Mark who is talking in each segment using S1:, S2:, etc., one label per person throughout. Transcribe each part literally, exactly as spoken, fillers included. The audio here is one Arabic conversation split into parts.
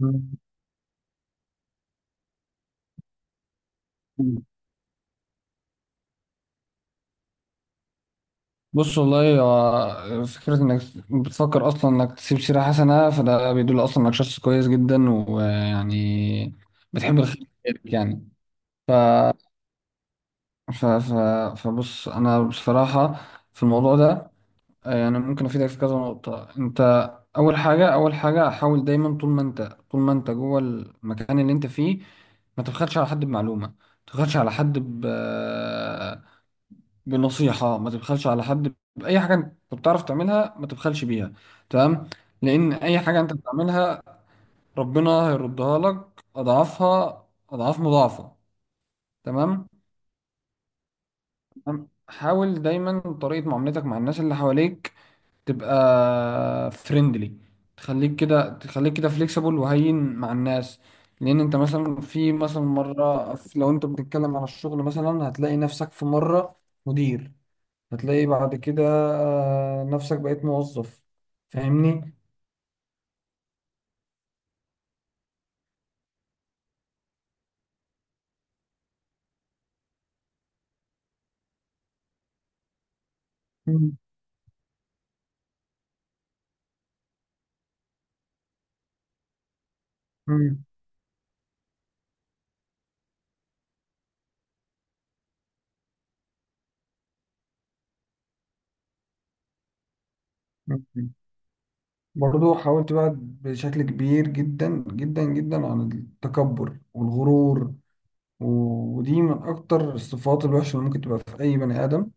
S1: مم. بص، والله هو فكرة انك بتفكر اصلا انك تسيب سيرة حسنة، فده بيدل اصلا انك شخص كويس جدا ويعني بتحب الخير، يعني. ف... ف... ف... فبص انا بصراحة في الموضوع ده، آه، يعني ممكن افيدك في كذا نقطة. انت اول حاجة، اول حاجة حاول دايما طول ما انت، طول ما انت جوه المكان اللي انت فيه ما تبخلش على حد بمعلومة، ما تبخلش على حد ب... بنصيحة، ما تبخلش على حد بأي حاجة أنت بتعرف تعملها، ما تبخلش بيها. تمام. لأن أي حاجة أنت بتعملها ربنا هيردها لك أضعافها أضعاف مضاعفة. تمام تمام؟ حاول دايما طريقة معاملتك مع الناس اللي حواليك تبقى فريندلي، تخليك كده تخليك كده فليكسيبل وهين مع الناس. لأن أنت مثلا، في مثلا مرة لو أنت بتتكلم عن الشغل مثلا هتلاقي نفسك في مرة مدير، هتلاقي بعد كده آه، نفسك بقيت موظف. فاهمني؟ مم. مم. مم. برضو حاولت بقى بشكل كبير جدا جدا جدا عن التكبر والغرور. و- ودي من اكتر الصفات الوحشة اللي ممكن تبقى في اي بني ادم.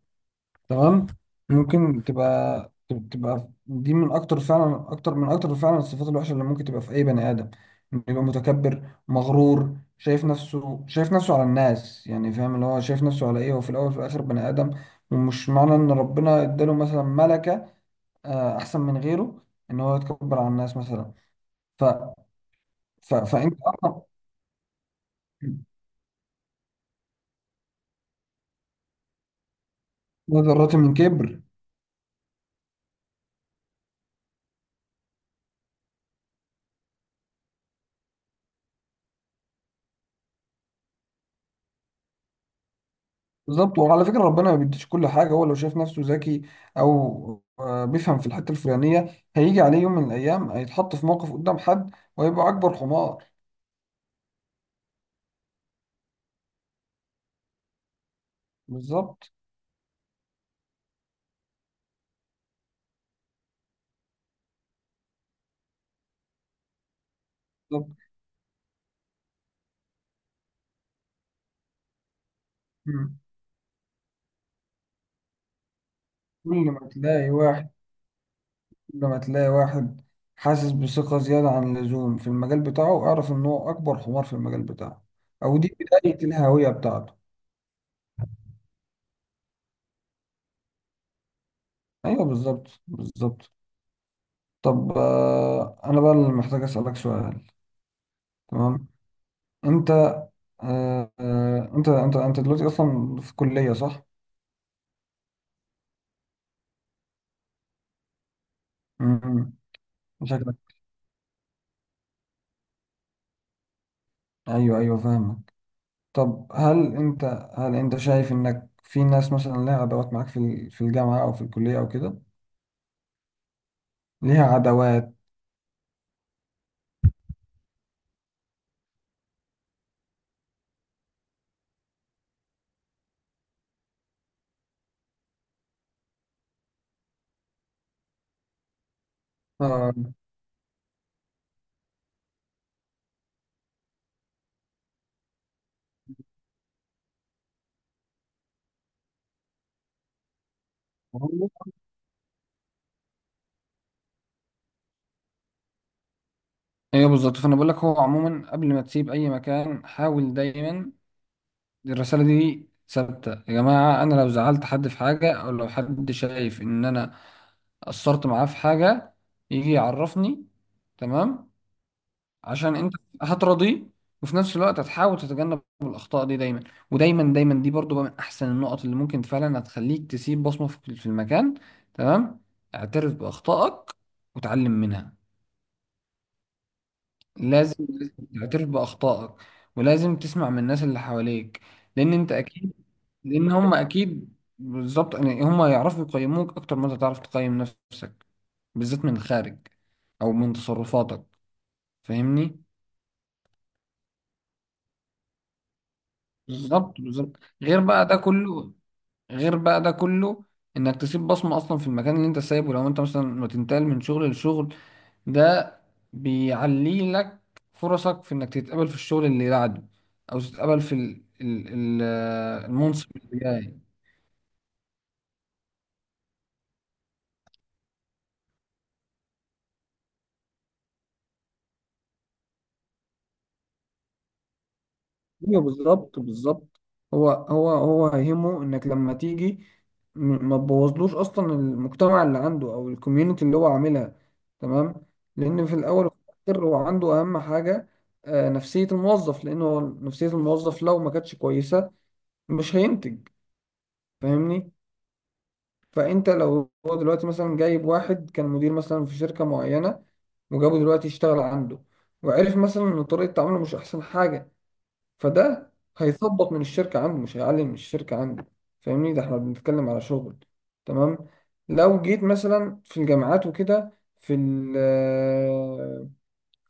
S1: تمام. ممكن تبقى، تبقى دي من اكتر فعلا، اكتر من اكتر فعلا الصفات الوحشه اللي ممكن تبقى في اي بني ادم. إنه يبقى متكبر مغرور، شايف نفسه شايف نفسه على الناس. يعني فاهم اللي هو شايف نفسه على ايه؟ هو في الاول وفي الاخر بني ادم. ومش معنى ان ربنا اداله مثلا ملكه آه، احسن من غيره، ان هو يتكبر على الناس مثلا. ف... ف... فانت اصلا. لا، ذرة من كبر. بالظبط. وعلى فكرة ربنا ما بيديش كل حاجة. هو لو شايف نفسه ذكي، أو آه، بيفهم في الحتة الفلانية، هيجي عليه يوم من الأيام هيتحط في موقف قدام حد، وهيبقى أكبر حمار. بالظبط، بالظبط. مم. كل ما تلاقي واحد كل ما تلاقي واحد حاسس بثقة زيادة عن اللزوم في المجال بتاعه، اعرف إن هو أكبر حمار في المجال بتاعه. أو دي بداية الهوية بتاعته. أيوه، بالظبط، بالظبط. طب، آه، أنا بقى اللي محتاج أسألك سؤال. تمام. انت آه آه، انت انت انت دلوقتي اصلا في كلية، صح؟ امم شكلك. ايوه، ايوه، فاهمك. طب هل انت، هل انت شايف انك في ناس مثلا لها عداوات معاك في ال- في الجامعة، او في الكلية او كده، ليها عداوات؟ آه. ايوه، بالظبط. فانا بقول لك، هو عموما قبل ما تسيب اي مكان حاول دايما، الرساله دي ثابته يا جماعه: انا لو زعلت حد في حاجه، او لو حد شايف ان انا قصرت معاه في حاجه، يجي يعرفني. تمام. عشان انت هترضيه، وفي نفس الوقت هتحاول تتجنب الاخطاء دي دايما. ودايما دايما دي برضو بقى من احسن النقط اللي ممكن فعلا هتخليك تسيب بصمة في في المكان. تمام. اعترف باخطائك وتعلم منها. لازم، لازم تعترف باخطائك، ولازم تسمع من الناس اللي حواليك. لان انت اكيد، لان هم اكيد بالظبط يعني، هم يعرفوا يقيموك اكتر ما انت تعرف تقيم نفسك، بالذات من الخارج او من تصرفاتك. فاهمني؟ بالظبط، بالظبط. غير بقى ده كله غير بقى ده كله انك تسيب بصمة اصلا في المكان اللي انت سايبه. لو انت مثلا ما تنتقل من شغل لشغل، ده بيعلي لك فرصك في انك تتقبل في الشغل اللي بعده، او تتقبل في ال- ال- ال- المنصب اللي جاي. ايوه، بالظبط، بالظبط. هو هو هو هيهمه انك لما تيجي م- ما تبوظلوش اصلا المجتمع اللي عنده او الكوميونتي اللي هو عاملها. تمام. لان في الاول وفي الاخر هو عنده اهم حاجه آه، نفسيه الموظف. لان هو نفسيه الموظف لو ما كانتش كويسه مش هينتج. فاهمني؟ فانت لو هو دلوقتي مثلا جايب واحد كان مدير مثلا في شركه معينه، وجابه دلوقتي يشتغل عنده، وعرف مثلا ان طريقه تعامله مش احسن حاجه، فده هيثبط من الشركة عنده، مش هيعلي من الشركة عنده. فاهمني؟ ده احنا بنتكلم على شغل. تمام. لو جيت مثلا في الجامعات وكده، في ال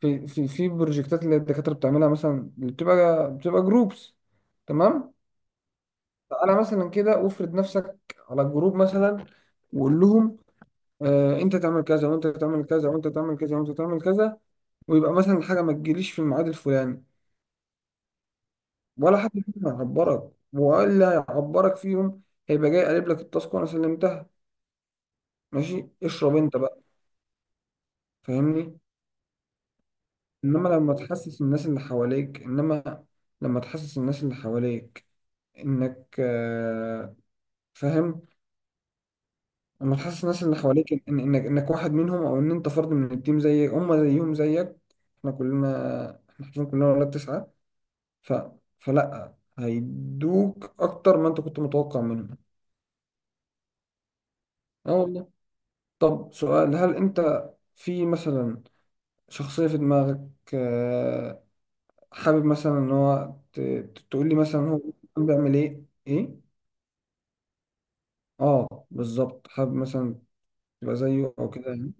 S1: في في في بروجكتات اللي الدكاترة بتعملها مثلا، اللي بتبقى بتبقى جروبس. تمام. تعالى مثلا كده وافرض نفسك على الجروب مثلا، وقول لهم: آه، انت تعمل كذا، وانت تعمل كذا، وانت تعمل كذا، وانت تعمل كذا. ويبقى مثلا الحاجة ما تجيليش في الميعاد الفلاني، ولا حد فيهم هيعبرك، وإلا هيعبرك فيهم؟ هيبقى جاي قالب لك التاسك: وأنا سلمتها. ماشي، اشرب أنت بقى. فاهمني؟ إنما لما تحسس الناس اللي حواليك إنما لما تحسس الناس اللي حواليك إنك آه، فاهم، لما تحسس الناس اللي حواليك إن إنك إنك واحد منهم، أو إن أنت فرد من التيم زي هم، زيهم زيك. إحنا كلنا إحنا حرفيا كلنا ولاد تسعة. ف... فلأ، هيدوك أكتر ما أنت كنت متوقع منهم. اه، والله. طب سؤال، هل انت في مثلا شخصية في دماغك آه، حابب مثلا ان هو ت- ت- تقول لي مثلا هو بيعمل ايه؟ ايه. اه، بالظبط، حابب مثلا تبقى زيه او كده يعني.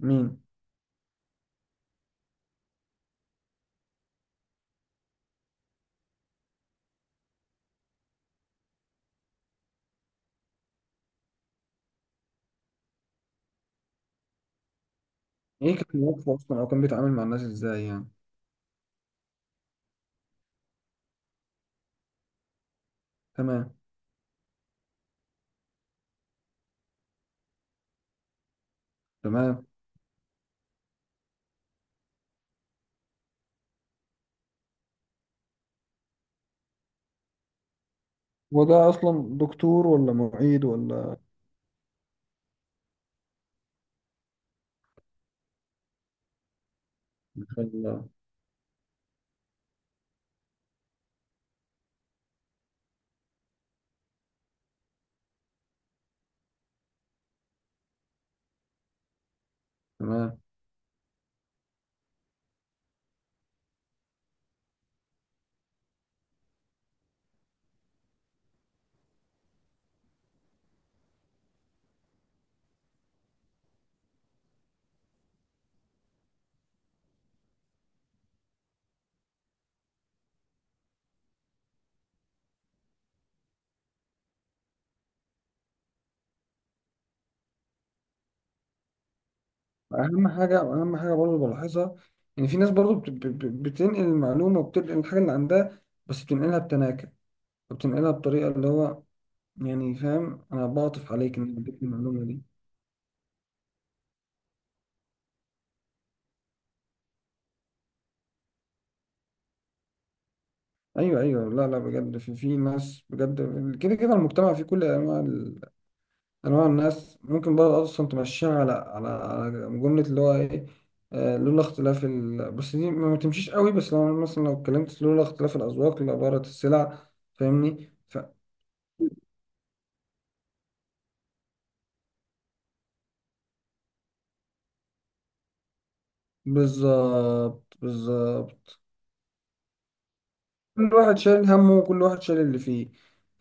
S1: مين؟ ايه كان موقفه اصلا، او كان بيتعامل مع الناس ازاي يعني؟ تمام. تمام. هو ده اصلا دكتور ولا معيد ولا؟ ما شاء الله. تمام. اهم حاجة اهم حاجة برضه بلاحظها، ان في ناس برضه بت- بت- بتنقل المعلومة، وبتنقل الحاجة اللي عندها بس بتنقلها بتناكر. فبتنقلها بطريقة، اللي هو يعني، فاهم، أنا بعطف عليك إن أنا اديك المعلومة دي. أيوه، أيوه، لا، لا، بجد. في في ناس بجد، كده كده المجتمع فيه كل أنواع ال- أنواع الناس. ممكن بقى أصلا تمشيها على على على جملة، اللي هو إيه؟ آه، لولا اختلاف ال... بس دي ما تمشيش قوي، بس لو مثلا، لو اتكلمت، لولا اختلاف الأذواق لبارت السلع. فاهمني؟ ف... بالظبط، بالظبط. كل واحد شايل همه، وكل واحد شايل اللي فيه.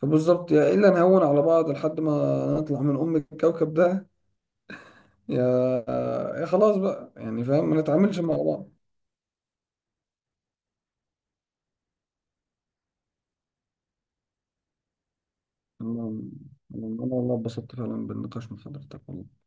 S1: فبالظبط، يا إلا نهون على بعض لحد ما نطلع من أم الكوكب ده، يا يا خلاص بقى يعني، فاهم، ما نتعاملش مع بعض. أنا أنا والله اتبسطت فعلا بالنقاش مع حضرتك، والله.